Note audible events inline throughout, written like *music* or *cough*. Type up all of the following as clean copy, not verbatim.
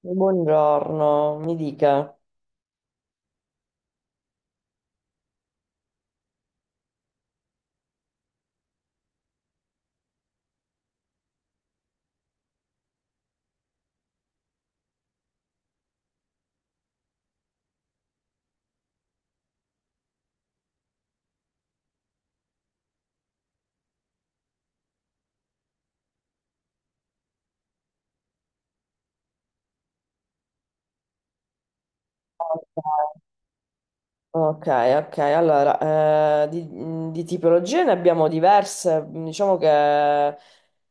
Buongiorno, mi dica. Ok, ok, allora, di tipologie ne abbiamo diverse, diciamo che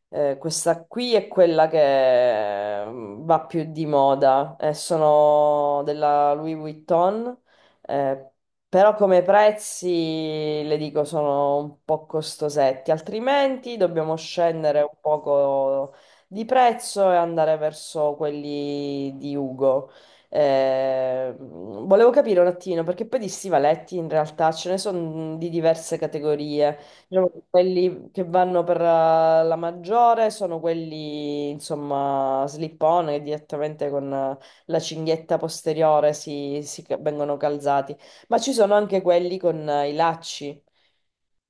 questa qui è quella che va più di moda, sono della Louis Vuitton, eh, però come prezzi le dico sono un po' costosetti, altrimenti dobbiamo scendere un poco di prezzo e andare verso quelli di Ugo. Volevo capire un attimo, perché poi di stivaletti in realtà ce ne sono di diverse categorie. Diciamo che quelli che vanno per la maggiore sono quelli, insomma, slip-on, che direttamente con la cinghietta posteriore vengono calzati. Ma ci sono anche quelli con i lacci.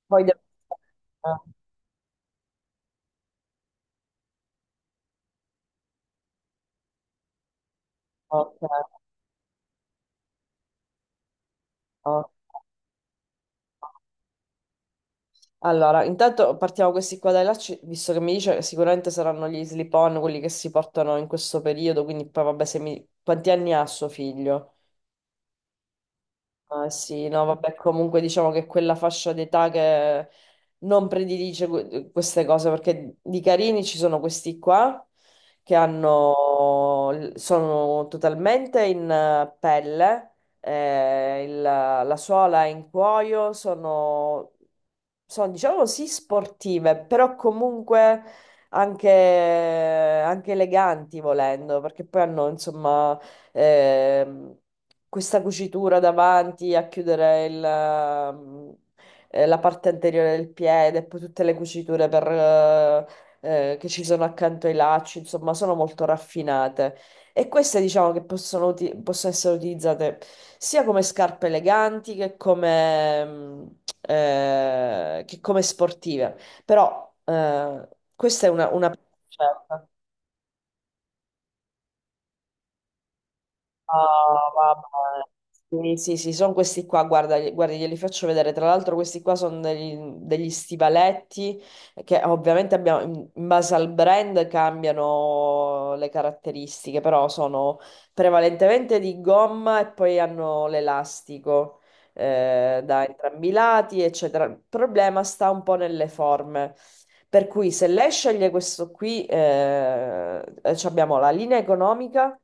Poi devo... Ah, ok, ok. Allora, intanto partiamo questi qua dai lacci, visto che mi dice che sicuramente saranno gli slip-on quelli che si portano in questo periodo, quindi poi vabbè, se mi... quanti anni ha suo figlio? Ah, sì, no, vabbè, comunque diciamo che quella fascia d'età che non predilige queste cose, perché di carini ci sono questi qua che hanno, sono totalmente in pelle, la suola è in cuoio, sono, sono, diciamo sì sportive, però comunque anche, anche eleganti volendo, perché poi hanno, insomma ehm, questa cucitura davanti a chiudere il, la parte anteriore del piede, e poi tutte le cuciture per, che ci sono accanto ai lacci, insomma, sono molto raffinate. E queste diciamo che possono, possono essere utilizzate sia come scarpe eleganti che come, che come sportive. Però questa è una scelta. Ah, vabbè. Sì, sì, sì, sono questi qua, guarda, guardi, glieli faccio vedere. Tra l'altro questi qua sono degli, degli stivaletti che ovviamente abbiamo, in base al brand cambiano le caratteristiche, però sono prevalentemente di gomma e poi hanno l'elastico da entrambi i lati, eccetera. Il problema sta un po' nelle forme. Per cui se lei sceglie questo qui, ci abbiamo la linea economica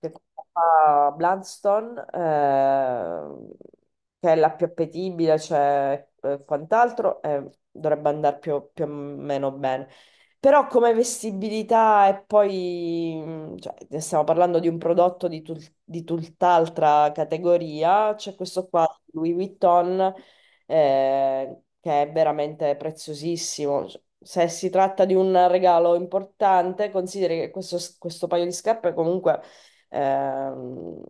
che fa Bloodstone, che è la più appetibile, cioè quant'altro, dovrebbe andare più, più o meno bene. Però come vestibilità e poi, cioè, ne stiamo parlando di un prodotto di, di tutt'altra categoria, c'è questo qua, Louis Vuitton, che è veramente preziosissimo. Se si tratta di un regalo importante, consideri che questo paio di scarpe comunque Ehm,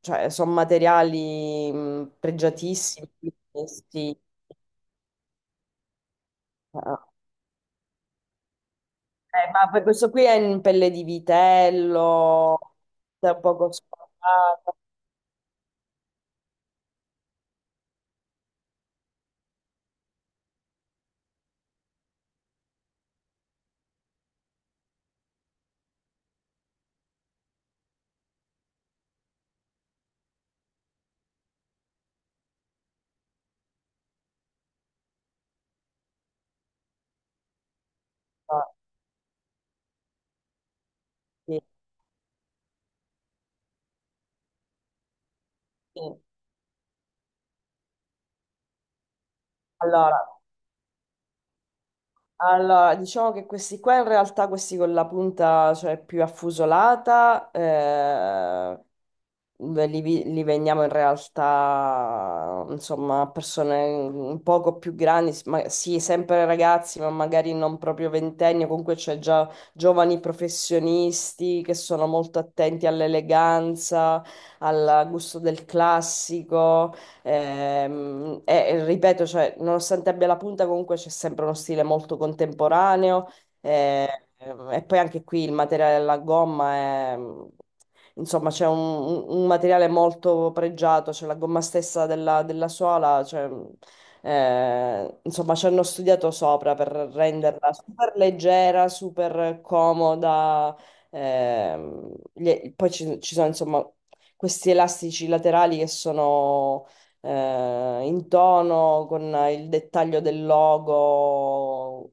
cioè, sono materiali pregiatissimi. Quindi sì. Ah. Ma per questo qui è in pelle di vitello, è un poco sporcata. Ma sì, sì. Allora, allora, diciamo che questi qua in realtà, questi con la punta cioè, più affusolata, beh, li vendiamo in realtà, insomma, a persone un poco più grandi, sì, sempre ragazzi, ma magari non proprio ventenni, comunque c'è già giovani professionisti che sono molto attenti all'eleganza, al gusto del classico. Ehm, e ripeto, cioè, nonostante abbia la punta, comunque c'è sempre uno stile molto contemporaneo. eh, e poi anche qui il materiale della gomma è insomma, c'è un, un materiale molto pregiato, c'è la gomma stessa della, della suola, cioè, insomma, ci hanno studiato sopra per renderla super leggera, super comoda. Ehm, poi ci, ci sono, insomma, questi elastici laterali che sono in tono con il dettaglio del logo.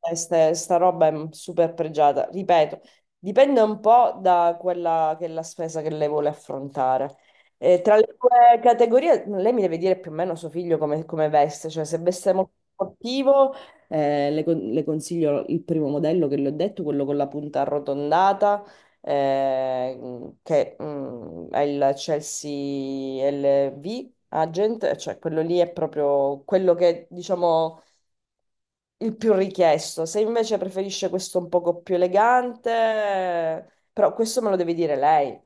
Queste- Sta roba è super pregiata. Ripeto, dipende un po' da quella che è la spesa che lei vuole affrontare. Tra le due categorie, lei mi deve dire più o meno suo figlio come, come veste, cioè se veste molto sportivo, le, le consiglio il primo modello che le ho detto, quello con la punta arrotondata, che è il Chelsea LV Agent, cioè quello lì è proprio quello che diciamo il più richiesto. Se invece preferisce questo un poco più elegante, però questo me lo deve dire lei,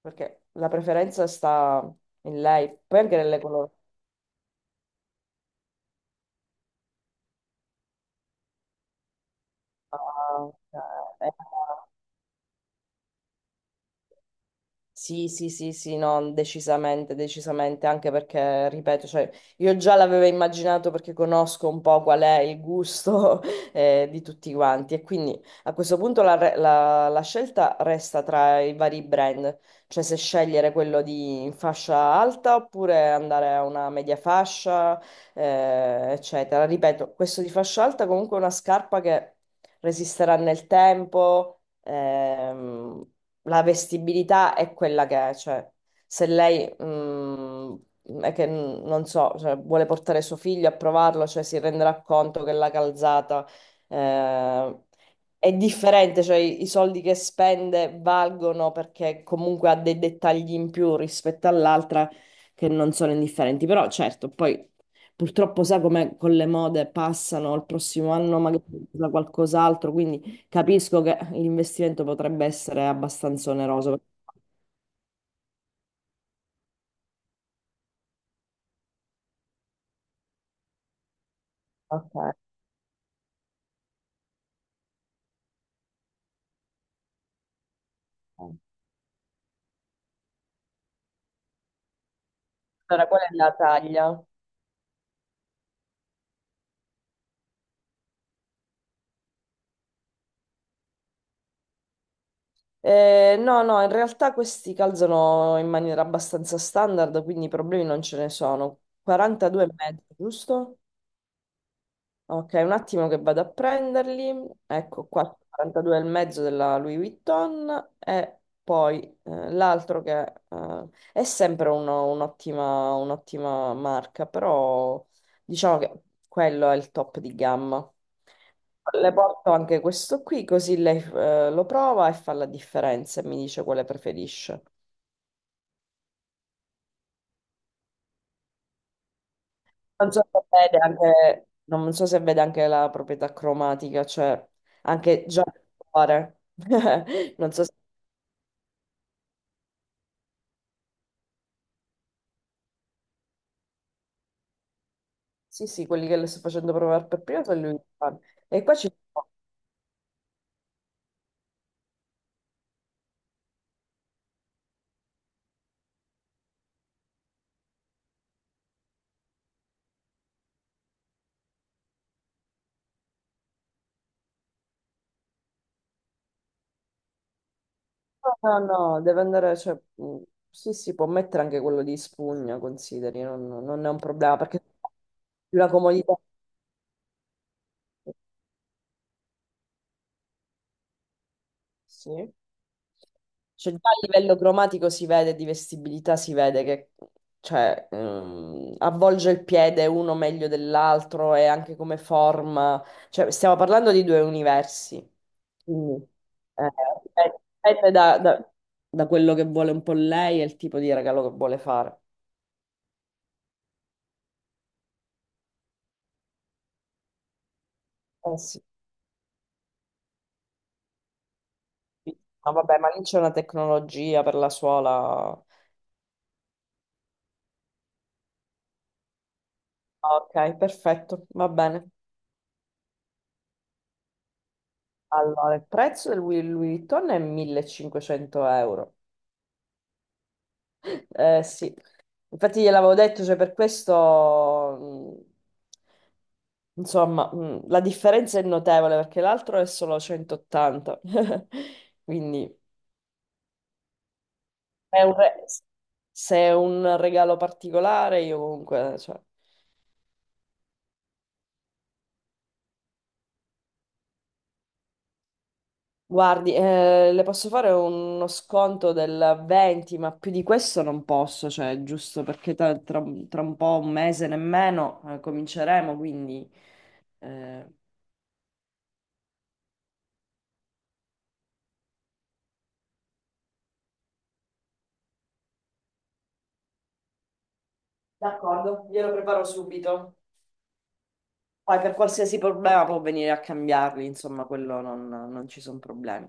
perché la preferenza sta in lei. Poi anche nelle colore. Ah, ok. Sì, sì, sì, sì, no, decisamente, decisamente, anche perché, ripeto, cioè, io già l'avevo immaginato perché conosco un po' qual è il gusto *laughs* di tutti quanti e quindi a questo punto la, la scelta resta tra i vari brand, cioè se scegliere quello di fascia alta oppure andare a una media fascia, eccetera. Ripeto, questo di fascia alta comunque è una scarpa che resisterà nel tempo. La vestibilità è quella che è, cioè se lei è che non so, cioè, vuole portare suo figlio a provarlo, cioè si renderà conto che la calzata eh, è differente, cioè i soldi che spende valgono perché comunque ha dei dettagli in più rispetto all'altra che non sono indifferenti, però certo, poi purtroppo sa come con le mode passano, il prossimo anno magari usa qualcos'altro, quindi capisco che l'investimento potrebbe essere abbastanza oneroso. Ok. Allora, qual è la taglia? No, no, in realtà questi calzano in maniera abbastanza standard, quindi problemi non ce ne sono. 42 e mezzo, giusto? Ok, un attimo che vado a prenderli. Ecco qua, 42 e mezzo della Louis Vuitton e poi l'altro che è sempre un'ottima un'ottima marca, però diciamo che quello è il top di gamma. Le porto anche questo qui, così lei lo prova e fa la differenza e mi dice quale preferisce. Non so se vede anche, non so se vede anche la proprietà cromatica, cioè anche già il colore. *laughs* Non so se... Sì, sì, quelli che le sto facendo provare per prima sono lui. E qua ci... No, no, no, deve andare... Cioè, sì, sì, può mettere anche quello di spugna, consideri, non, non è un problema, perché è una comodità. Sì. Cioè, già a livello cromatico si vede, di vestibilità si vede che cioè, avvolge il piede uno meglio dell'altro e anche come forma. Cioè, stiamo parlando di due universi. Quindi, eh, dipende da, da quello che vuole un po' lei e il tipo di regalo che vuole fare. Eh sì. Ma vabbè, ma lì c'è una tecnologia per la suola. Ah, ok, perfetto, va bene. Allora, il prezzo del Louis Vuitton è 1500 euro. Sì, infatti gliel'avevo detto, cioè per questo, insomma, la differenza è notevole perché l'altro è solo 180. *laughs* Quindi è un se è un regalo particolare, io comunque, cioè. Guardi, le posso fare uno sconto del 20, ma più di questo non posso, cioè, giusto perché tra, tra un po', un mese nemmeno, cominceremo, quindi... eh, d'accordo, glielo preparo subito. Poi per qualsiasi problema può venire a cambiarli, insomma, quello non ci sono problemi.